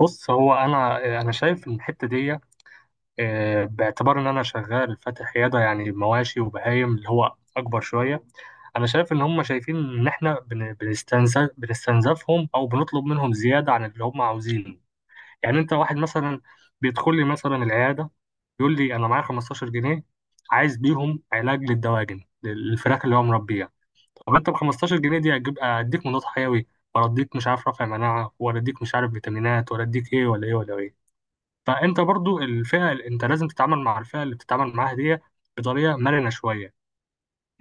بص، هو انا شايف الحته دي، باعتبار ان انا شغال فاتح عياده يعني مواشي وبهايم اللي هو اكبر شويه. انا شايف ان هم شايفين ان احنا بنستنزفهم او بنطلب منهم زياده عن اللي هم عاوزينه. يعني انت واحد مثلا بيدخل لي مثلا العياده يقول لي انا معايا 15 جنيه عايز بيهم علاج للدواجن للفراخ اللي هو مربيها. طب انت ب 15 جنيه دي اجيب اديك مضاد حيوي ولا اديك مش عارف رافع مناعه ولا اديك مش عارف فيتامينات ولا اديك ايه ولا ايه ولا ايه؟ فانت برضو الفئه اللي انت لازم تتعامل مع الفئه اللي بتتعامل معاها دي بطريقه مرنه شويه.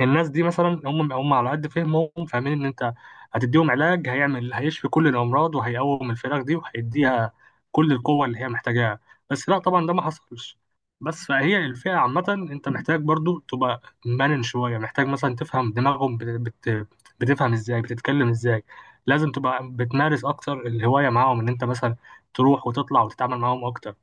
الناس دي مثلا هم على قد فهمهم فاهمين ان انت هتديهم علاج هيعمل هيشفي كل الامراض وهيقوم الفراخ دي وهيديها كل القوه اللي هي محتاجاها. بس لا طبعا ده ما حصلش. بس فهي الفئه عامه، انت محتاج برضو تبقى مرن شويه، محتاج مثلا تفهم دماغهم بت... بتفهم ازاي، بتتكلم ازاي. لازم تبقى بتمارس اكتر الهوايه معاهم، ان انت مثلا تروح وتطلع وتتعامل معاهم اكتر.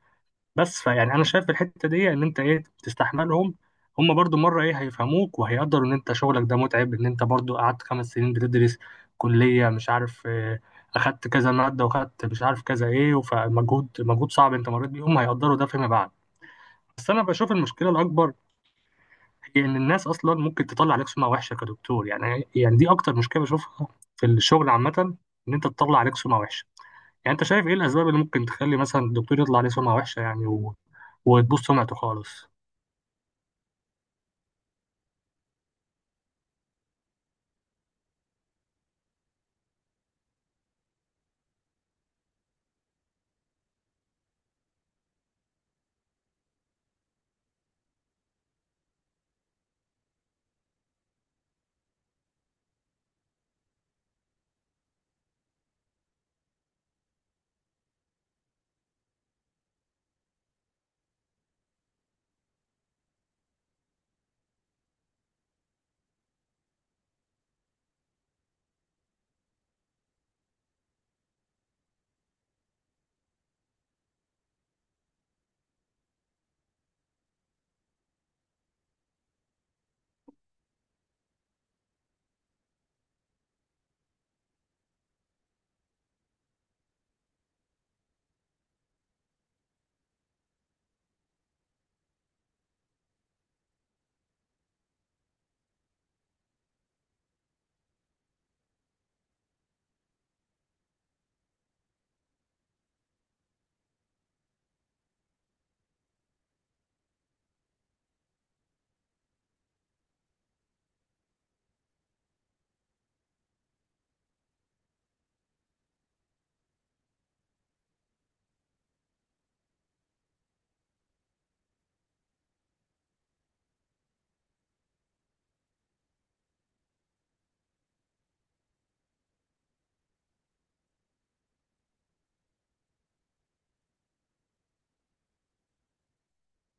بس فيعني انا شايف في الحته دي ان انت ايه تستحملهم، هم برضو مره ايه هيفهموك وهيقدروا ان انت شغلك ده متعب، ان انت برضو قعدت 5 سنين بتدرس كليه مش عارف، اخدت كذا ماده واخدت مش عارف كذا ايه، فمجهود مجهود صعب انت مريت بيه هم هيقدروا ده فيما بعد. بس انا بشوف المشكله الاكبر هي ان الناس اصلا ممكن تطلع عليك سمعه وحشه كدكتور، يعني دي اكتر مشكله بشوفها في الشغل عامه، ان انت تطلع عليك سمعه وحشه. يعني انت شايف ايه الاسباب اللي ممكن تخلي مثلا الدكتور يطلع عليه سمعه وحشه يعني وتبوظ سمعته خالص؟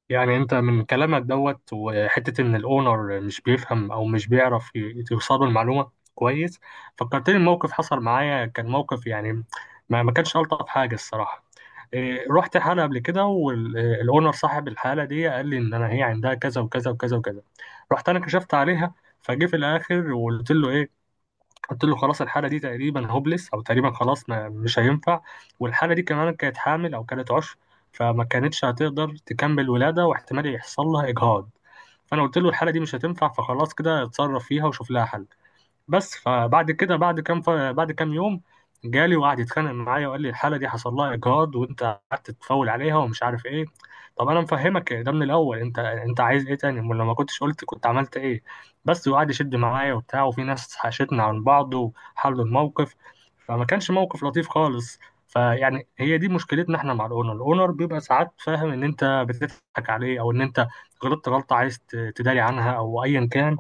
يعني انت من كلامك دوت وحته ان الاونر مش بيفهم او مش بيعرف يوصله المعلومه كويس، فكرتني الموقف حصل معايا. كان موقف يعني، ما كانش الطف حاجه الصراحه. إيه، رحت حاله قبل كده والاونر صاحب الحاله دي قال لي ان انا هي عندها كذا وكذا وكذا وكذا، رحت انا كشفت عليها، فجه في الاخر وقلت له ايه، قلت له خلاص الحاله دي تقريبا هوبلس او تقريبا خلاص ما مش هينفع، والحاله دي كمان كانت حامل او كانت عشر، فما كانتش هتقدر تكمل ولاده واحتمال يحصل لها اجهاض، فانا قلت له الحاله دي مش هتنفع، فخلاص كده اتصرف فيها وشوف لها حل. بس فبعد كده بعد كام يوم جالي وقعد يتخانق معايا وقال لي الحاله دي حصل لها اجهاض وانت قعدت تفول عليها ومش عارف ايه. طب انا مفهمك ده من الاول، انت عايز ايه تاني؟ امال لو ما كنتش قلت كنت عملت ايه؟ بس وقعد يشد معايا وبتاع، وفي ناس حاشتنا عن بعض وحلوا الموقف، فما كانش موقف لطيف خالص. فيعني هي دي مشكلتنا احنا مع الاونر، الاونر بيبقى ساعات فاهم ان انت بتضحك عليه او ان انت غلطت غلطه عايز تداري عنها او ايا كان.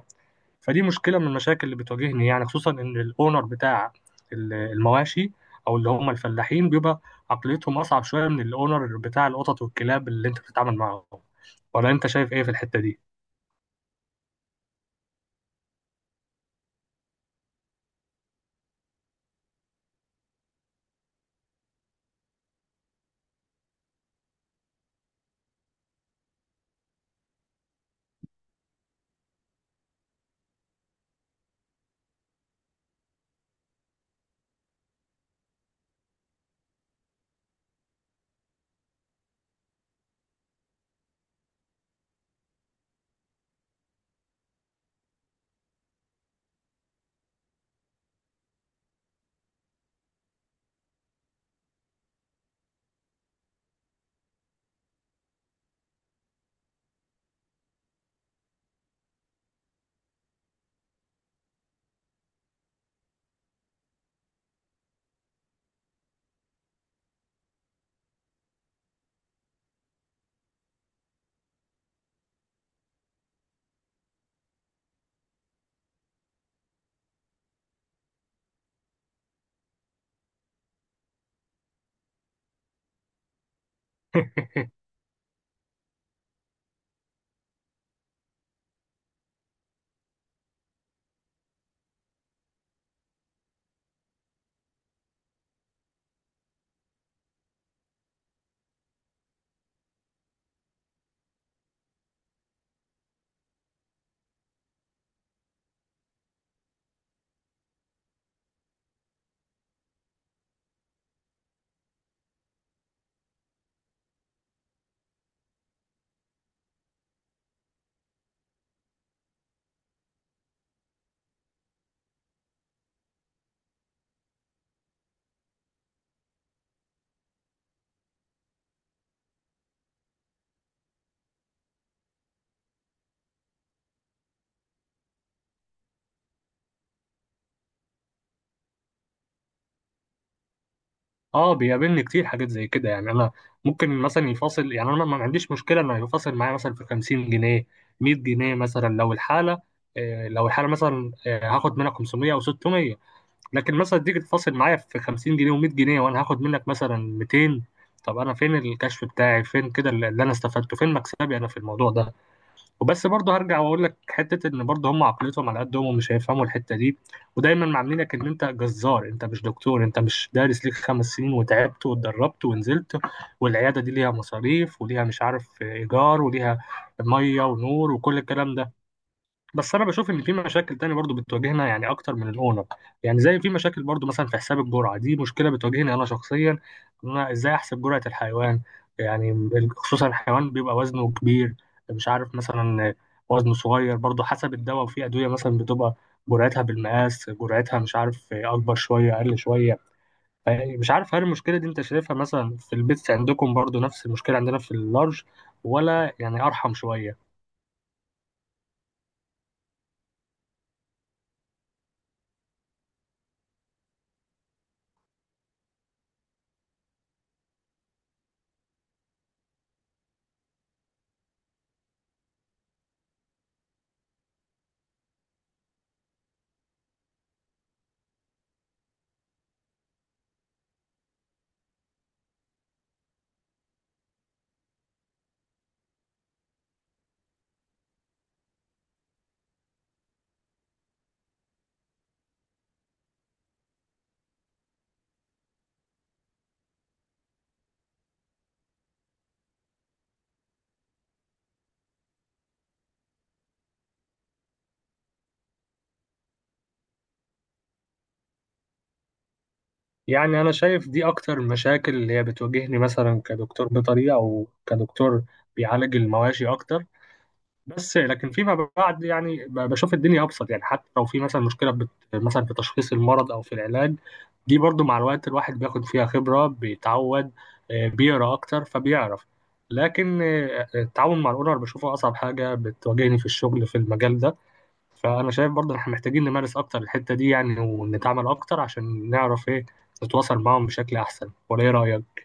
فدي مشكله من المشاكل اللي بتواجهني يعني، خصوصا ان الاونر بتاع المواشي او اللي هم الفلاحين بيبقى عقليتهم اصعب شويه من الاونر بتاع القطط والكلاب اللي انت بتتعامل معاهم. ولا انت شايف ايه في الحته دي؟ اه، بيقابلني كتير حاجات زي كده. يعني انا ممكن مثلا يفاصل، يعني انا ما عنديش مشكله انه يفاصل معايا مثلا في 50 جنيه، 100 جنيه مثلا، لو الحاله لو الحاله مثلا هاخد منها 500 او 600. لكن مثلا تيجي تفاصل معايا في 50 جنيه و100 جنيه وانا هاخد منك مثلا 200، طب انا فين الكشف بتاعي، فين كده اللي انا استفدته، فين مكسبي انا في الموضوع ده؟ وبس برضه هرجع واقول لك حته ان برضه هم عقليتهم على قدهم ومش هيفهموا الحته دي، ودايما معاملينك ان انت جزار، انت مش دكتور، انت مش دارس ليك 5 سنين وتعبت واتدربت ونزلت، والعياده دي ليها مصاريف وليها مش عارف ايجار وليها ميه ونور وكل الكلام ده. بس انا بشوف ان في مشاكل تانية برضو بتواجهنا يعني اكتر من الاونر، يعني زي في مشاكل برضو مثلا في حساب الجرعه، دي مشكله بتواجهني انا شخصيا، ان انا ازاي احسب جرعه الحيوان. يعني خصوصا الحيوان بيبقى وزنه كبير، مش عارف مثلا وزنه صغير، برضو حسب الدواء، وفي ادويه مثلا بتبقى جرعتها بالمقاس، جرعتها مش عارف اكبر شويه اقل شويه. يعني مش عارف هل المشكله دي انت شايفها مثلا في البيتس عندكم برضو نفس المشكله عندنا في اللارج، ولا يعني ارحم شويه؟ يعني أنا شايف دي أكتر المشاكل اللي هي بتواجهني مثلا كدكتور بيطري أو كدكتور بيعالج المواشي أكتر. بس لكن فيما بعد يعني بشوف الدنيا أبسط، يعني حتى لو في مثلا مشكلة مثلا في تشخيص المرض أو في العلاج، دي برضو مع الوقت الواحد بياخد فيها خبرة، بيتعود، بيقرأ أكتر فبيعرف. لكن التعاون مع الأونر بشوفه أصعب حاجة بتواجهني في الشغل في المجال ده. فانا شايف برضه إن احنا محتاجين نمارس اكتر الحته دي يعني، ونتعامل اكتر عشان نعرف ايه نتواصل معاهم بشكل احسن، ولا ايه رايك؟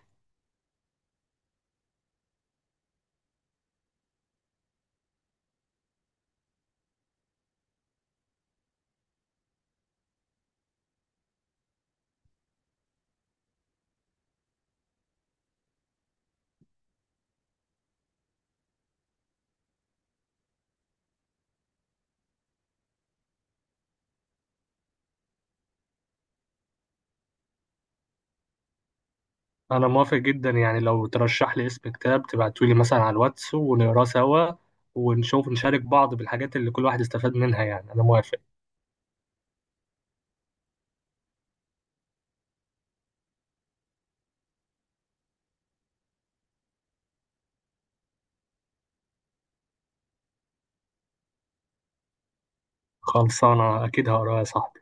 انا موافق جدا، يعني لو ترشح لي اسم كتاب تبعته لي مثلا على الواتس ونقراه سوا، ونشوف نشارك بعض بالحاجات اللي كل واحد استفاد منها. يعني انا موافق. خلصانه اكيد هقراه يا صاحبي.